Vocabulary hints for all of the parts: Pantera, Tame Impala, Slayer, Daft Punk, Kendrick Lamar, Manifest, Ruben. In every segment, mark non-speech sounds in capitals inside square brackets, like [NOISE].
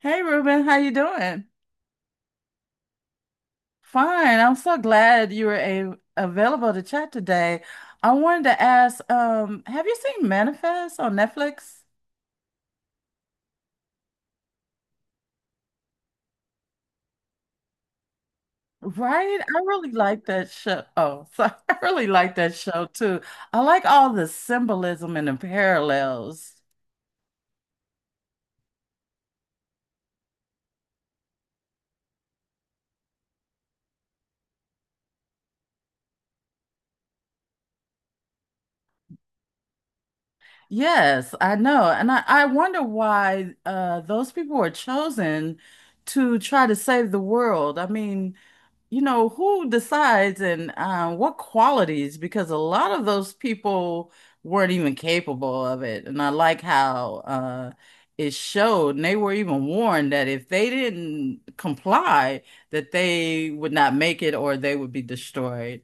Hey Ruben, how you doing? Fine. I'm so glad you were a available to chat today. I wanted to ask, have you seen Manifest on Netflix? Right? I really like that show. Oh, sorry. [LAUGHS] I really like that show too. I like all the symbolism and the parallels. Yes, I know. And I wonder why those people were chosen to try to save the world. I mean, you know, who decides and what qualities? Because a lot of those people weren't even capable of it. And I like how it showed, and they were even warned that if they didn't comply, that they would not make it or they would be destroyed.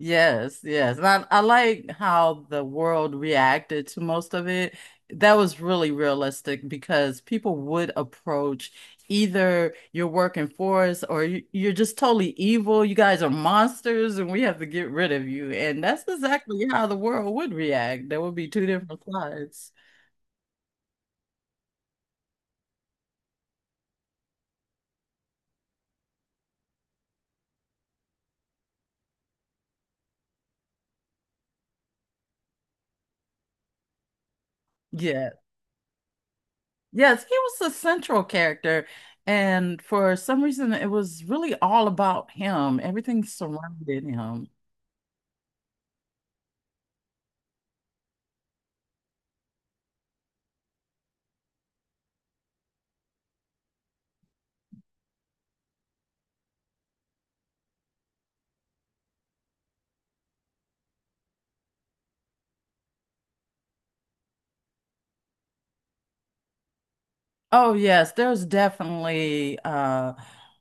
Yes, yes. And I like how the world reacted to most of it. That was really realistic because people would approach either you're working for us or you're just totally evil. You guys are monsters and we have to get rid of you. And that's exactly how the world would react. There would be two different sides. Yeah. Yes, he was the central character. And for some reason, it was really all about him. Everything surrounded him. Oh yes, there's definitely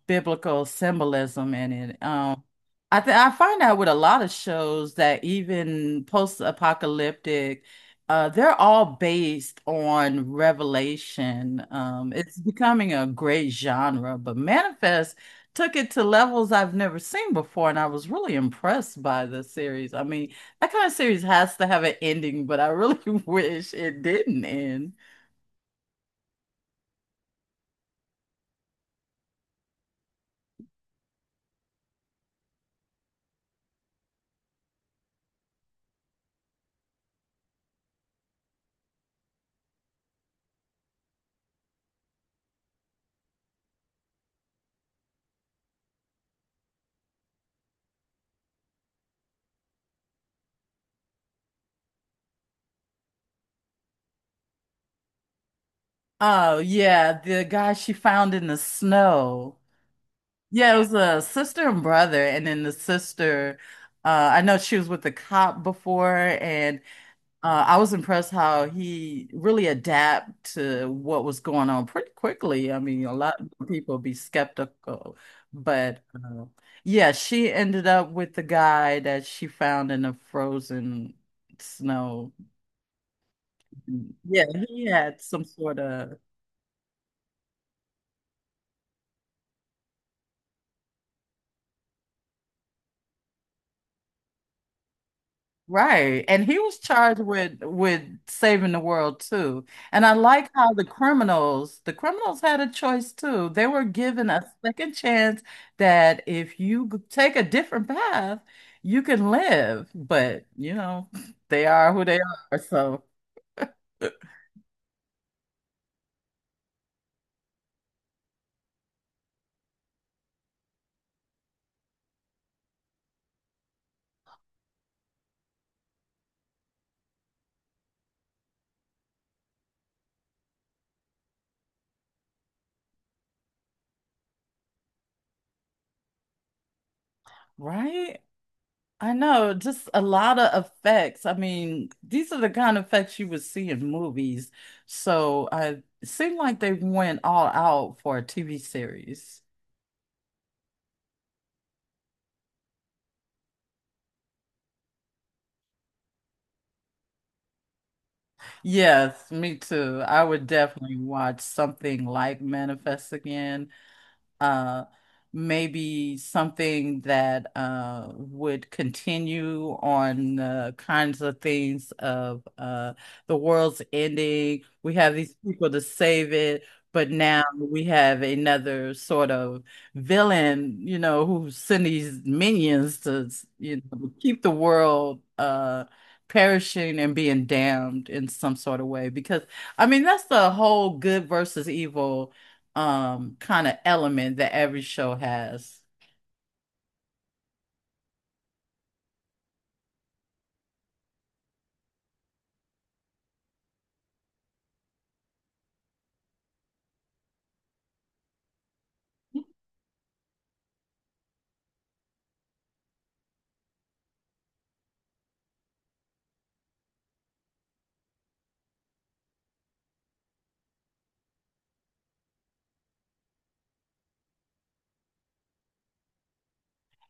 biblical symbolism in it. I think I find out with a lot of shows that even post-apocalyptic, they're all based on revelation. It's becoming a great genre, but Manifest took it to levels I've never seen before and I was really impressed by the series. I mean, that kind of series has to have an ending, but I really [LAUGHS] wish it didn't end. Oh yeah, the guy she found in the snow. Yeah, it was a sister and brother, and then the sister. I know she was with the cop before, and I was impressed how he really adapted to what was going on pretty quickly. I mean, a lot of people be skeptical, but yeah, she ended up with the guy that she found in the frozen snow. Mm, yeah, he had some sort of. Right. And he was charged with saving the world too. And I like how the criminals had a choice too. They were given a second chance that if you take a different path, you can live. But, you know, they are who they are. So, right? I know, just a lot of effects. I mean, these are the kind of effects you would see in movies. So, I it seemed like they went all out for a TV series. Yes, me too. I would definitely watch something like Manifest again, uh, maybe something that would continue on the kinds of things of the world's ending. We have these people to save it, but now we have another sort of villain, you know, who send these minions to, you know, keep the world perishing and being damned in some sort of way. Because I mean, that's the whole good versus evil kind of element that every show has.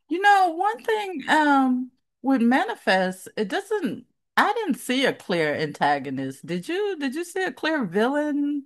You know, one thing with Manifest, it doesn't I didn't see a clear antagonist. Did you? Did you see a clear villain?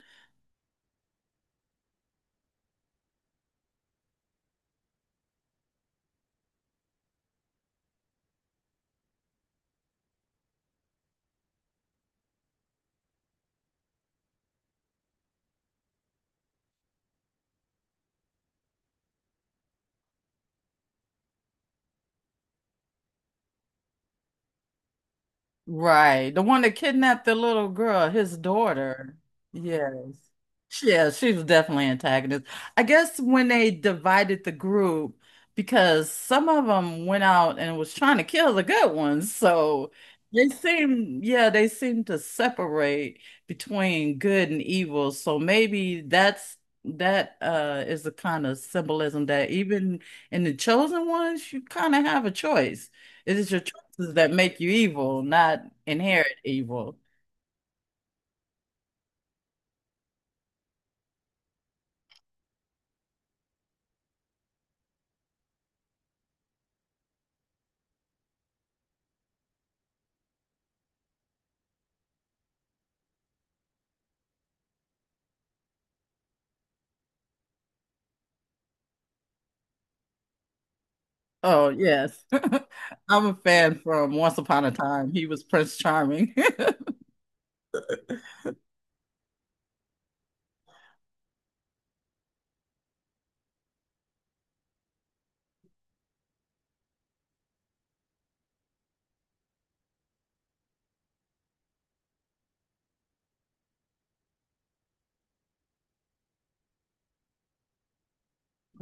Right. The one that kidnapped the little girl, his daughter. Yes. Yeah, she was definitely antagonist. I guess when they divided the group, because some of them went out and was trying to kill the good ones. So they seem, yeah, they seem to separate between good and evil. So maybe that's that is the kind of symbolism that even in the chosen ones, you kind of have a choice. It is your that make you evil, not inherit evil. Oh, yes. [LAUGHS] I'm a fan from Once Upon a Time. He was Prince Charming. [LAUGHS]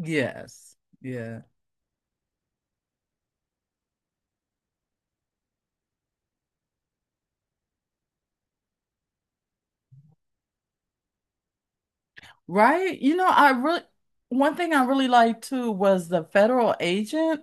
Yes. Yeah. Right? You know, I really, one thing I really liked too was the federal agent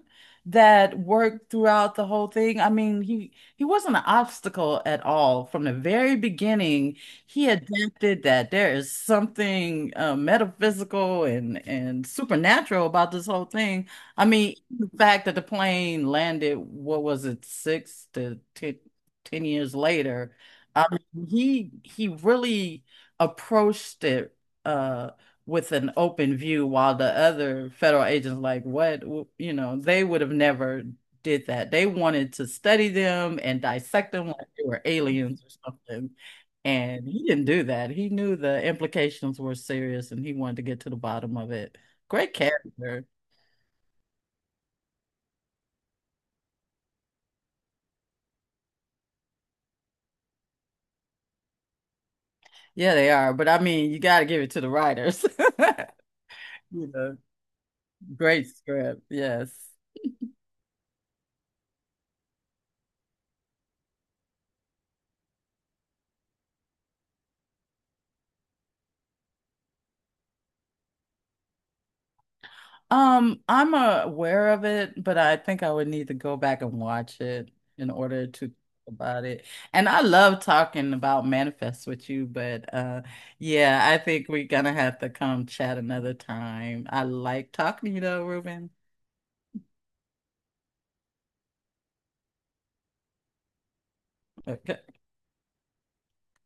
that worked throughout the whole thing. I mean, he wasn't an obstacle at all from the very beginning. He adapted that there is something metaphysical and supernatural about this whole thing. I mean, the fact that the plane landed, what was it, six to ten, 10 years later. I mean, he really approached it uh with an open view while the other federal agents like what, you know, they would have never did that. They wanted to study them and dissect them like they were aliens or something, and he didn't do that. He knew the implications were serious and he wanted to get to the bottom of it. Great character. Yeah, they are, but I mean you got to give it to the writers. [LAUGHS] You know, great script. Yes. I'm aware of it, but I think I would need to go back and watch it in order to talk about it. And I love talking about manifests with you, but yeah, I think we're gonna have to come chat another time. I like talking to you though, Ruben. Okay.